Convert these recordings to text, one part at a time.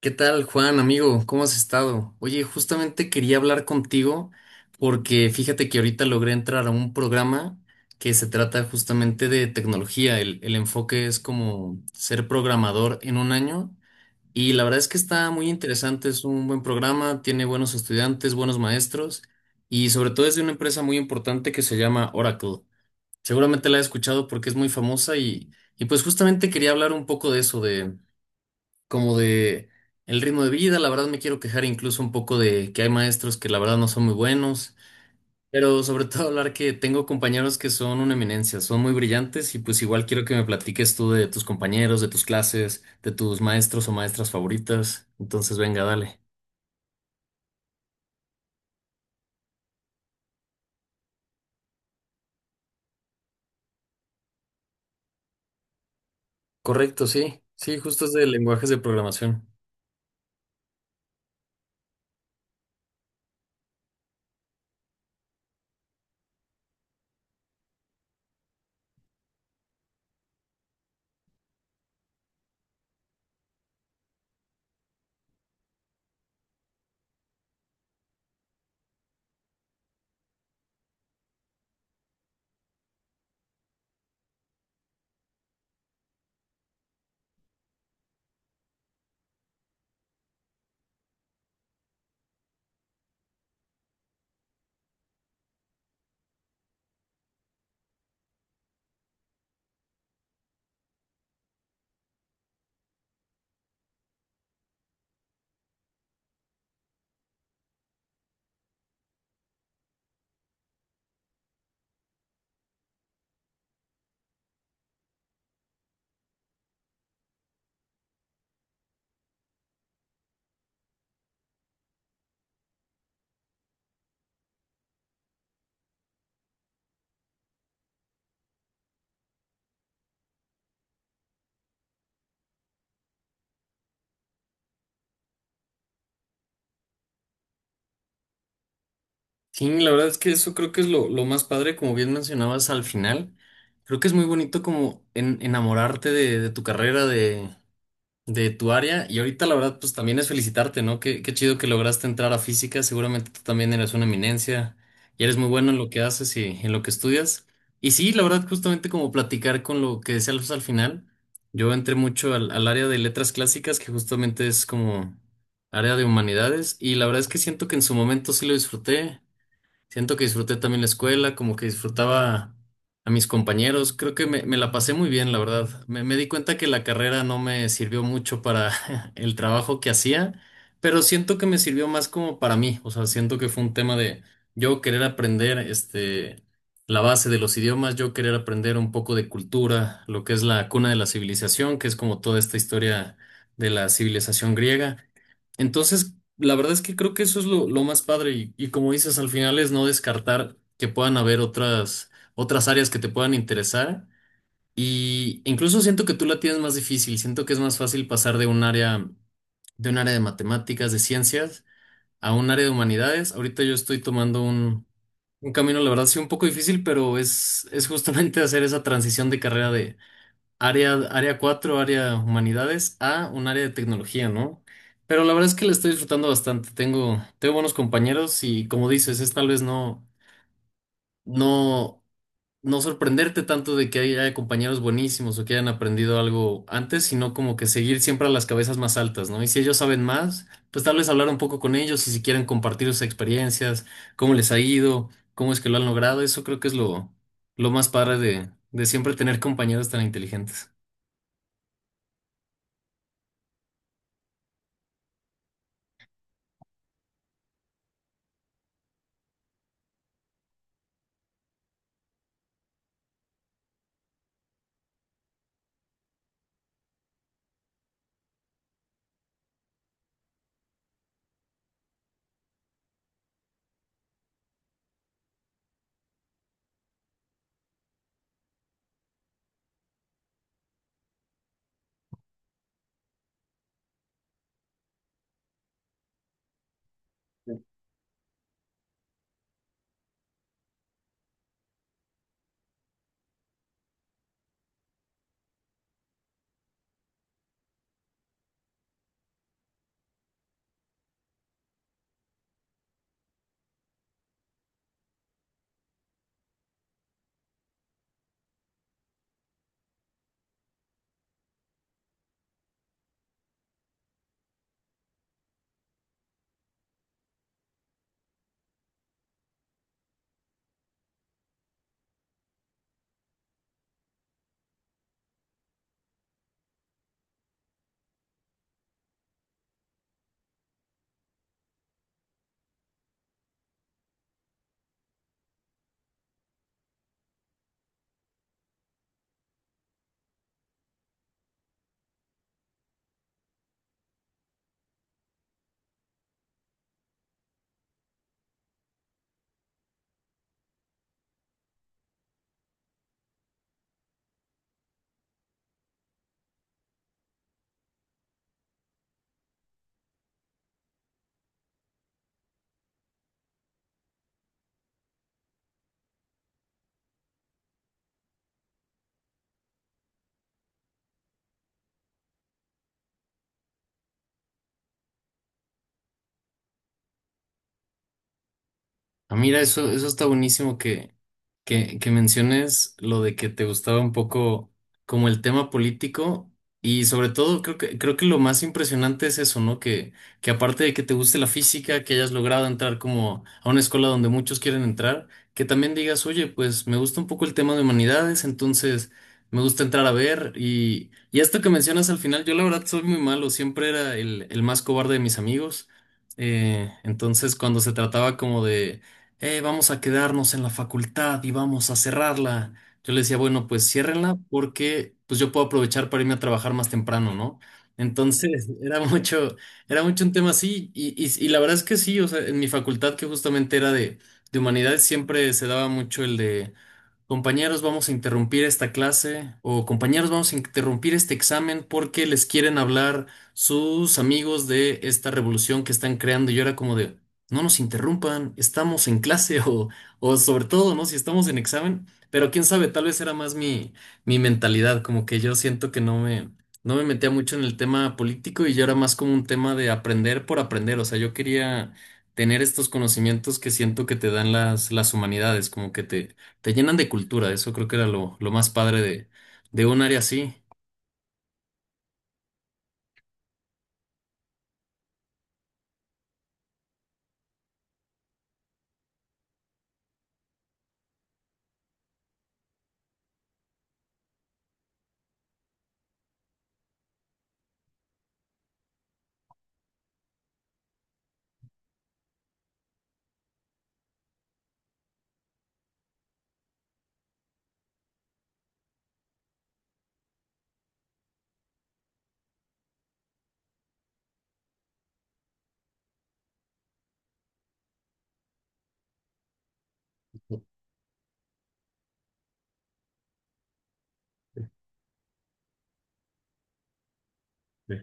¿Qué tal, Juan, amigo? ¿Cómo has estado? Oye, justamente quería hablar contigo porque fíjate que ahorita logré entrar a un programa que se trata justamente de tecnología. El enfoque es como ser programador en un año y la verdad es que está muy interesante, es un buen programa, tiene buenos estudiantes, buenos maestros y sobre todo es de una empresa muy importante que se llama Oracle. Seguramente la has escuchado porque es muy famosa y pues justamente quería hablar un poco de eso, como de el ritmo de vida. La verdad me quiero quejar incluso un poco de que hay maestros que la verdad no son muy buenos, pero sobre todo hablar que tengo compañeros que son una eminencia, son muy brillantes y pues igual quiero que me platiques tú de tus compañeros, de tus clases, de tus maestros o maestras favoritas. Entonces, venga, dale. Correcto, sí. Sí, justo es de lenguajes de programación. Sí, la verdad es que eso creo que es lo más padre, como bien mencionabas al final. Creo que es muy bonito como enamorarte de tu carrera, de tu área. Y ahorita la verdad, pues también es felicitarte, ¿no? Qué, qué chido que lograste entrar a física. Seguramente tú también eres una eminencia y eres muy bueno en lo que haces y en lo que estudias. Y sí, la verdad, justamente como platicar con lo que decía Alfonso al final, yo entré mucho al área de letras clásicas, que justamente es como área de humanidades. Y la verdad es que siento que en su momento sí lo disfruté. Siento que disfruté también la escuela, como que disfrutaba a mis compañeros. Creo que me la pasé muy bien, la verdad. Me di cuenta que la carrera no me sirvió mucho para el trabajo que hacía, pero siento que me sirvió más como para mí. O sea, siento que fue un tema de yo querer aprender este, la base de los idiomas, yo querer aprender un poco de cultura, lo que es la cuna de la civilización, que es como toda esta historia de la civilización griega. Entonces, la verdad es que creo que eso es lo más padre y como dices, al final es no descartar que puedan haber otras, otras áreas que te puedan interesar y incluso siento que tú la tienes más difícil, siento que es más fácil pasar de un área, de un área de matemáticas, de ciencias, a un área de humanidades. Ahorita yo estoy tomando un camino, la verdad, sí, un poco difícil, pero es justamente hacer esa transición de carrera área, área 4 área humanidades, a un área de tecnología, ¿no? Pero la verdad es que la estoy disfrutando bastante. Tengo buenos compañeros y como dices, es tal vez no, no sorprenderte tanto de que haya compañeros buenísimos o que hayan aprendido algo antes, sino como que seguir siempre a las cabezas más altas, ¿no? Y si ellos saben más, pues tal vez hablar un poco con ellos y si quieren compartir sus experiencias, cómo les ha ido, cómo es que lo han logrado, eso creo que es lo más padre de siempre tener compañeros tan inteligentes. Ah, mira, eso está buenísimo que, que menciones lo de que te gustaba un poco como el tema político y sobre todo creo que lo más impresionante es eso, ¿no? Que aparte de que te guste la física, que hayas logrado entrar como a una escuela donde muchos quieren entrar, que también digas, oye, pues me gusta un poco el tema de humanidades, entonces me gusta entrar a ver y esto que mencionas al final, yo la verdad soy muy malo, siempre era el más cobarde de mis amigos. Entonces, cuando se trataba como de, vamos a quedarnos en la facultad y vamos a cerrarla." Yo le decía, bueno, pues ciérrenla porque pues yo puedo aprovechar para irme a trabajar más temprano, ¿no? Entonces, era mucho un tema así y, y la verdad es que sí, o sea, en mi facultad que justamente era de humanidades siempre se daba mucho el de... Compañeros, vamos a interrumpir esta clase o compañeros, vamos a interrumpir este examen porque les quieren hablar sus amigos de esta revolución que están creando. Y yo era como de, no nos interrumpan, estamos en clase o sobre todo, ¿no? Si estamos en examen, pero quién sabe, tal vez era más mi, mi mentalidad, como que yo siento que no me metía mucho en el tema político y yo era más como un tema de aprender por aprender. O sea, yo quería tener estos conocimientos que siento que te dan las humanidades, como que te te llenan de cultura, eso creo que era lo más padre de un área así. Sí.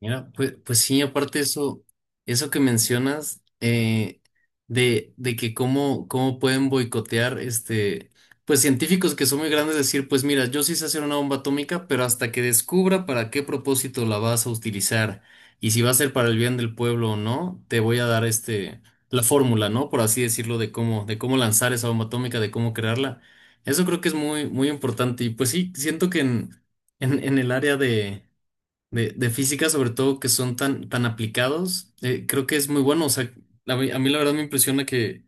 Mira, pues sí, aparte eso, eso que mencionas de que cómo, cómo pueden boicotear este, pues científicos que son muy grandes, decir, pues mira, yo sí sé hacer una bomba atómica, pero hasta que descubra para qué propósito la vas a utilizar y si va a ser para el bien del pueblo o no, te voy a dar este, la fórmula, ¿no? Por así decirlo, de cómo lanzar esa bomba atómica, de cómo crearla. Eso creo que es muy, muy importante y pues sí, siento que en el área de de física, sobre todo que son tan, tan aplicados, creo que es muy bueno. O sea, a mí la verdad me impresiona que,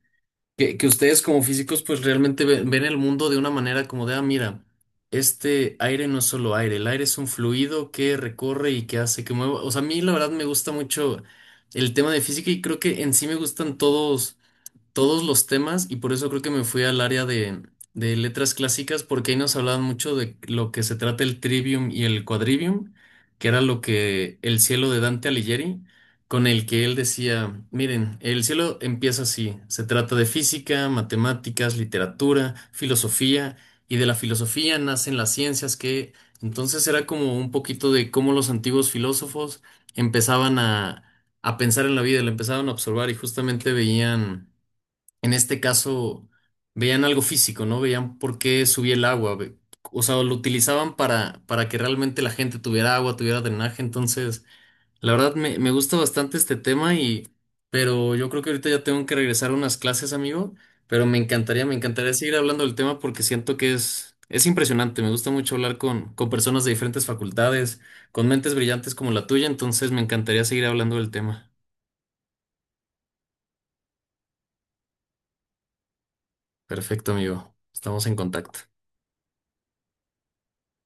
que ustedes como físicos pues realmente ven el mundo de una manera como de, ah, mira, este aire no es solo aire, el aire es un fluido que recorre y que hace que mueva. O sea, a mí la verdad me gusta mucho el tema de física y creo que en sí me gustan todos todos los temas y por eso creo que me fui al área de letras clásicas porque ahí nos hablaban mucho de lo que se trata el trivium y el quadrivium, que era lo que el cielo de Dante Alighieri, con el que él decía, miren, el cielo empieza así, se trata de física, matemáticas, literatura, filosofía y de la filosofía nacen las ciencias que entonces era como un poquito de cómo los antiguos filósofos empezaban a pensar en la vida, la empezaban a observar y justamente veían en este caso veían algo físico, ¿no? Veían por qué subía el agua. O sea, lo utilizaban para que realmente la gente tuviera agua, tuviera drenaje. Entonces, la verdad me gusta bastante este tema y, pero yo creo que ahorita ya tengo que regresar a unas clases, amigo. Pero me encantaría seguir hablando del tema porque siento que es impresionante. Me gusta mucho hablar con personas de diferentes facultades, con mentes brillantes como la tuya. Entonces, me encantaría seguir hablando del tema. Perfecto, amigo. Estamos en contacto.